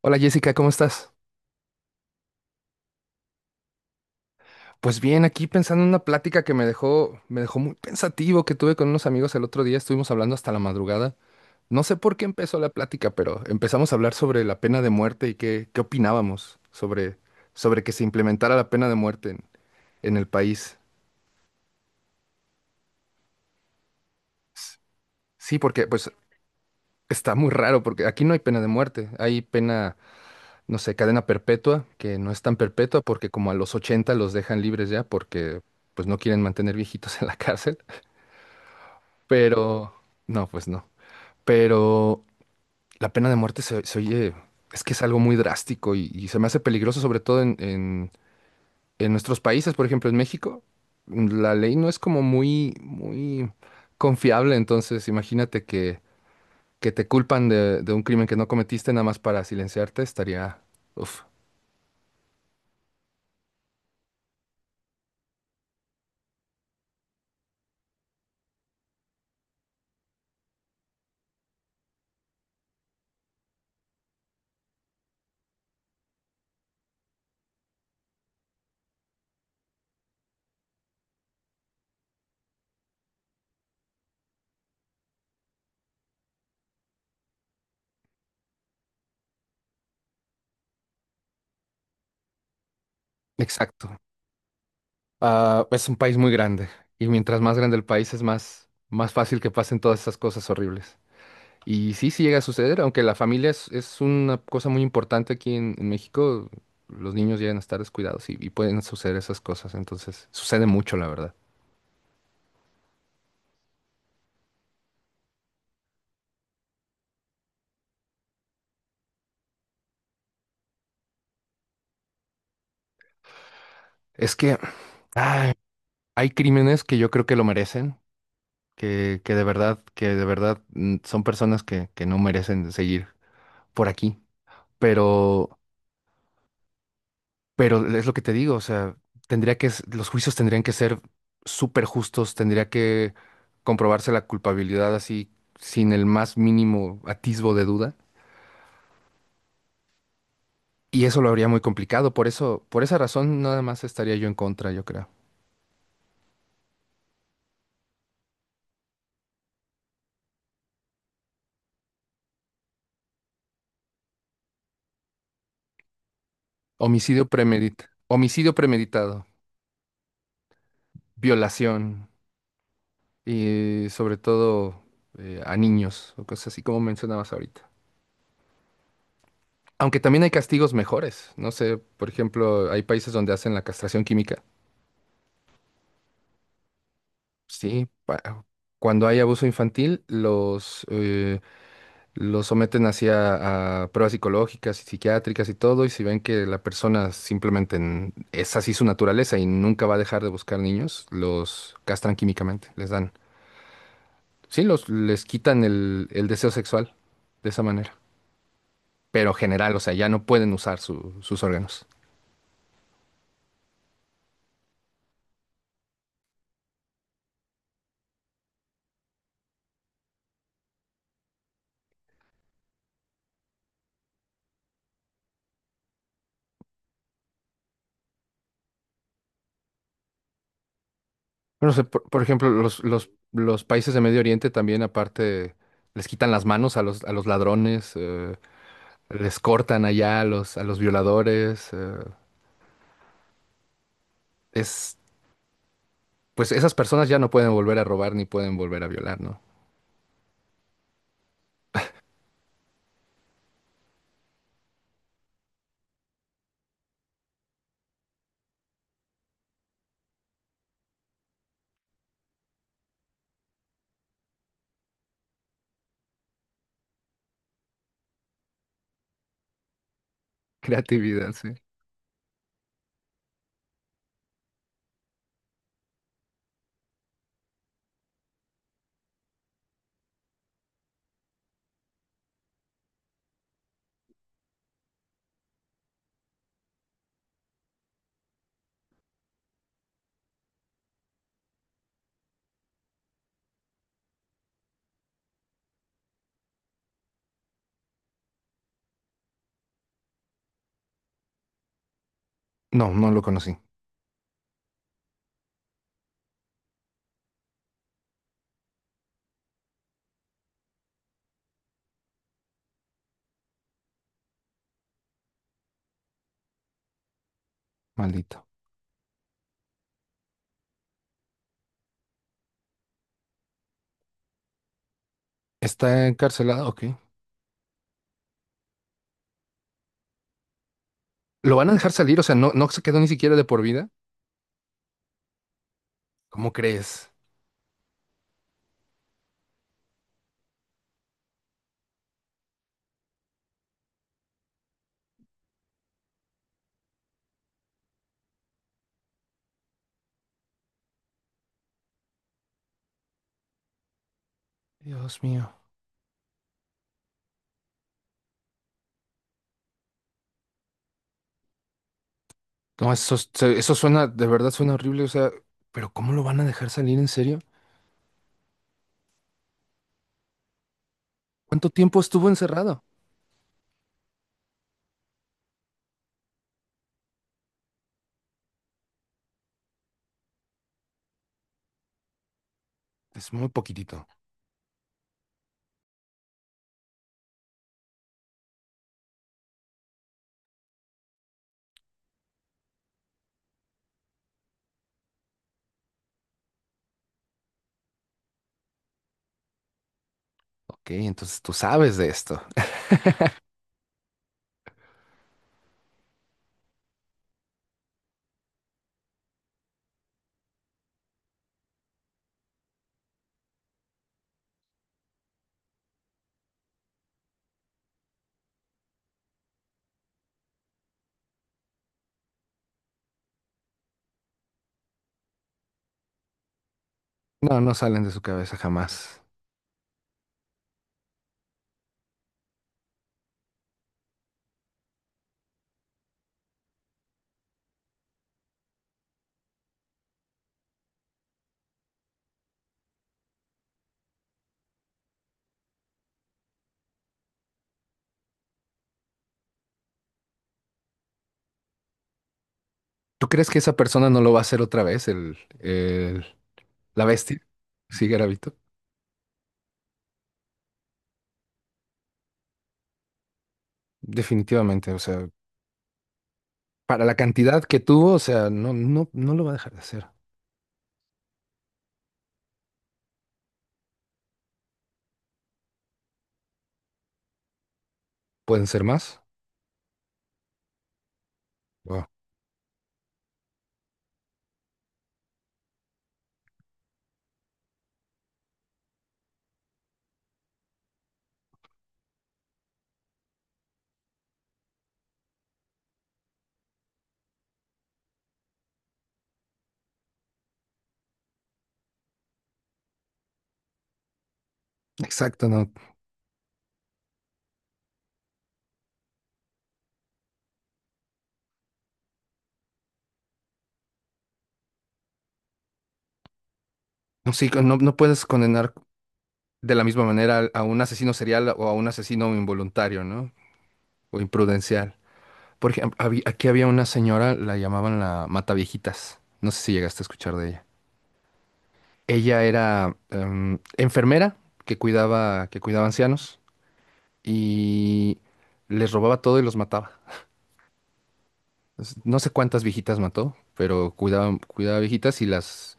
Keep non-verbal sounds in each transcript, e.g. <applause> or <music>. Hola Jessica, ¿cómo estás? Pues bien, aquí pensando en una plática que me dejó muy pensativo que tuve con unos amigos el otro día, estuvimos hablando hasta la madrugada. No sé por qué empezó la plática, pero empezamos a hablar sobre la pena de muerte y qué opinábamos sobre que se implementara la pena de muerte en el país. S- Sí, porque pues está muy raro, porque aquí no hay pena de muerte, hay pena, no sé, cadena perpetua, que no es tan perpetua porque como a los 80 los dejan libres ya porque pues no quieren mantener viejitos <laughs> en la cárcel. Pero, no, pues no. Pero la pena de muerte se oye, es que es algo muy drástico y se me hace peligroso, sobre todo en nuestros países, por ejemplo, en México, la ley no es como muy confiable, entonces imagínate que te culpan de un crimen que no cometiste nada más para silenciarte, estaría, uf, exacto. Ah, es un país muy grande y mientras más grande el país es más, más fácil que pasen todas esas cosas horribles. Y sí, sí llega a suceder, aunque la familia es una cosa muy importante aquí en México, los niños llegan a estar descuidados y pueden suceder esas cosas, entonces sucede mucho, la verdad. Es que ay, hay crímenes que yo creo que lo merecen, que de verdad, que de verdad son personas que no merecen seguir por aquí, pero Pero es lo que te digo, o sea, los juicios tendrían que ser súper justos, tendría que comprobarse la culpabilidad así sin el más mínimo atisbo de duda. Y eso lo habría muy complicado, por eso, por esa razón nada más estaría yo en contra, yo creo. Homicidio premeditado, violación y sobre todo a niños o cosas así como mencionabas ahorita. Aunque también hay castigos mejores, no sé, por ejemplo, hay países donde hacen la castración química. Sí, cuando hay abuso infantil, los someten hacia a pruebas psicológicas y psiquiátricas y todo, y si ven que la persona simplemente es así su naturaleza y nunca va a dejar de buscar niños, los castran químicamente, les dan. Sí, los, les quitan el deseo sexual de esa manera. Pero general, o sea, ya no pueden usar sus órganos. Bueno, o sea, por ejemplo, los países de Medio Oriente también, aparte, les quitan las manos a a los ladrones. Les cortan allá a a los violadores. Es, pues esas personas ya no pueden volver a robar ni pueden volver a violar, ¿no? <laughs> Creatividad, sí. No, no lo conocí. Maldito. ¿Está encarcelado? Ok. ¿Lo van a dejar salir? O sea, no, no se quedó ni siquiera de por vida. ¿Cómo crees? Dios mío. No, eso, eso suena, de verdad suena horrible. O sea, ¿pero cómo lo van a dejar salir en serio? ¿Cuánto tiempo estuvo encerrado? Es muy poquitito. Ok, entonces tú sabes de esto. <laughs> No, no salen de su cabeza jamás. ¿Tú crees que esa persona no lo va a hacer otra vez, la bestia? Sí, Garavito. Definitivamente, o sea, para la cantidad que tuvo, o sea, no lo va a dejar de hacer. ¿Pueden ser más? Wow. Exacto, no. No, sí, no, no puedes condenar de la misma manera a un asesino serial o a un asesino involuntario, ¿no? O imprudencial. Por ejemplo, aquí había una señora, la llamaban la Mataviejitas. No sé si llegaste a escuchar de ella. Ella era enfermera que cuidaba ancianos. Y les robaba todo y los mataba. No sé cuántas viejitas mató, pero cuidaba, cuidaba viejitas y las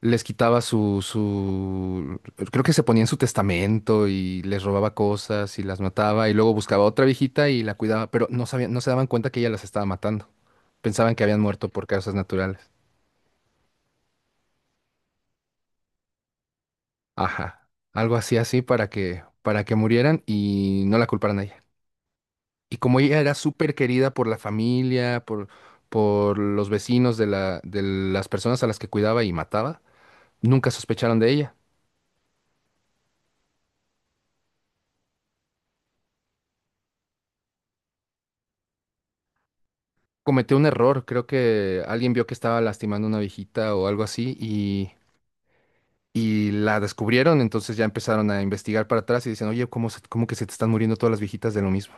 les quitaba creo que se ponía en su testamento y les robaba cosas y las mataba y luego buscaba otra viejita y la cuidaba, pero no sabían, no se daban cuenta que ella las estaba matando. Pensaban que habían muerto por causas naturales. Ajá. Algo así así para que murieran y no la culparan a ella. Y como ella era súper querida por la familia, por los vecinos de de las personas a las que cuidaba y mataba, nunca sospecharon de ella. Cometió un error, creo que alguien vio que estaba lastimando a una viejita o algo así y la descubrieron, entonces ya empezaron a investigar para atrás y dicen, oye, ¿cómo que se te están muriendo todas las viejitas de lo mismo?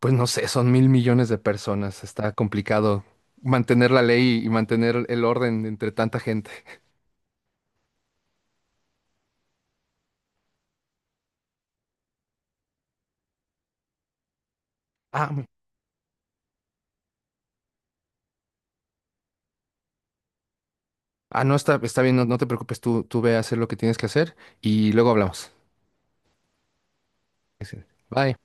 Pues no sé, son 1.000 millones de personas, está complicado mantener la ley y mantener el orden entre tanta gente. Ah, ah, no, está, está bien, no, no te preocupes, tú ve a hacer lo que tienes que hacer y luego hablamos. Excelente. Bye.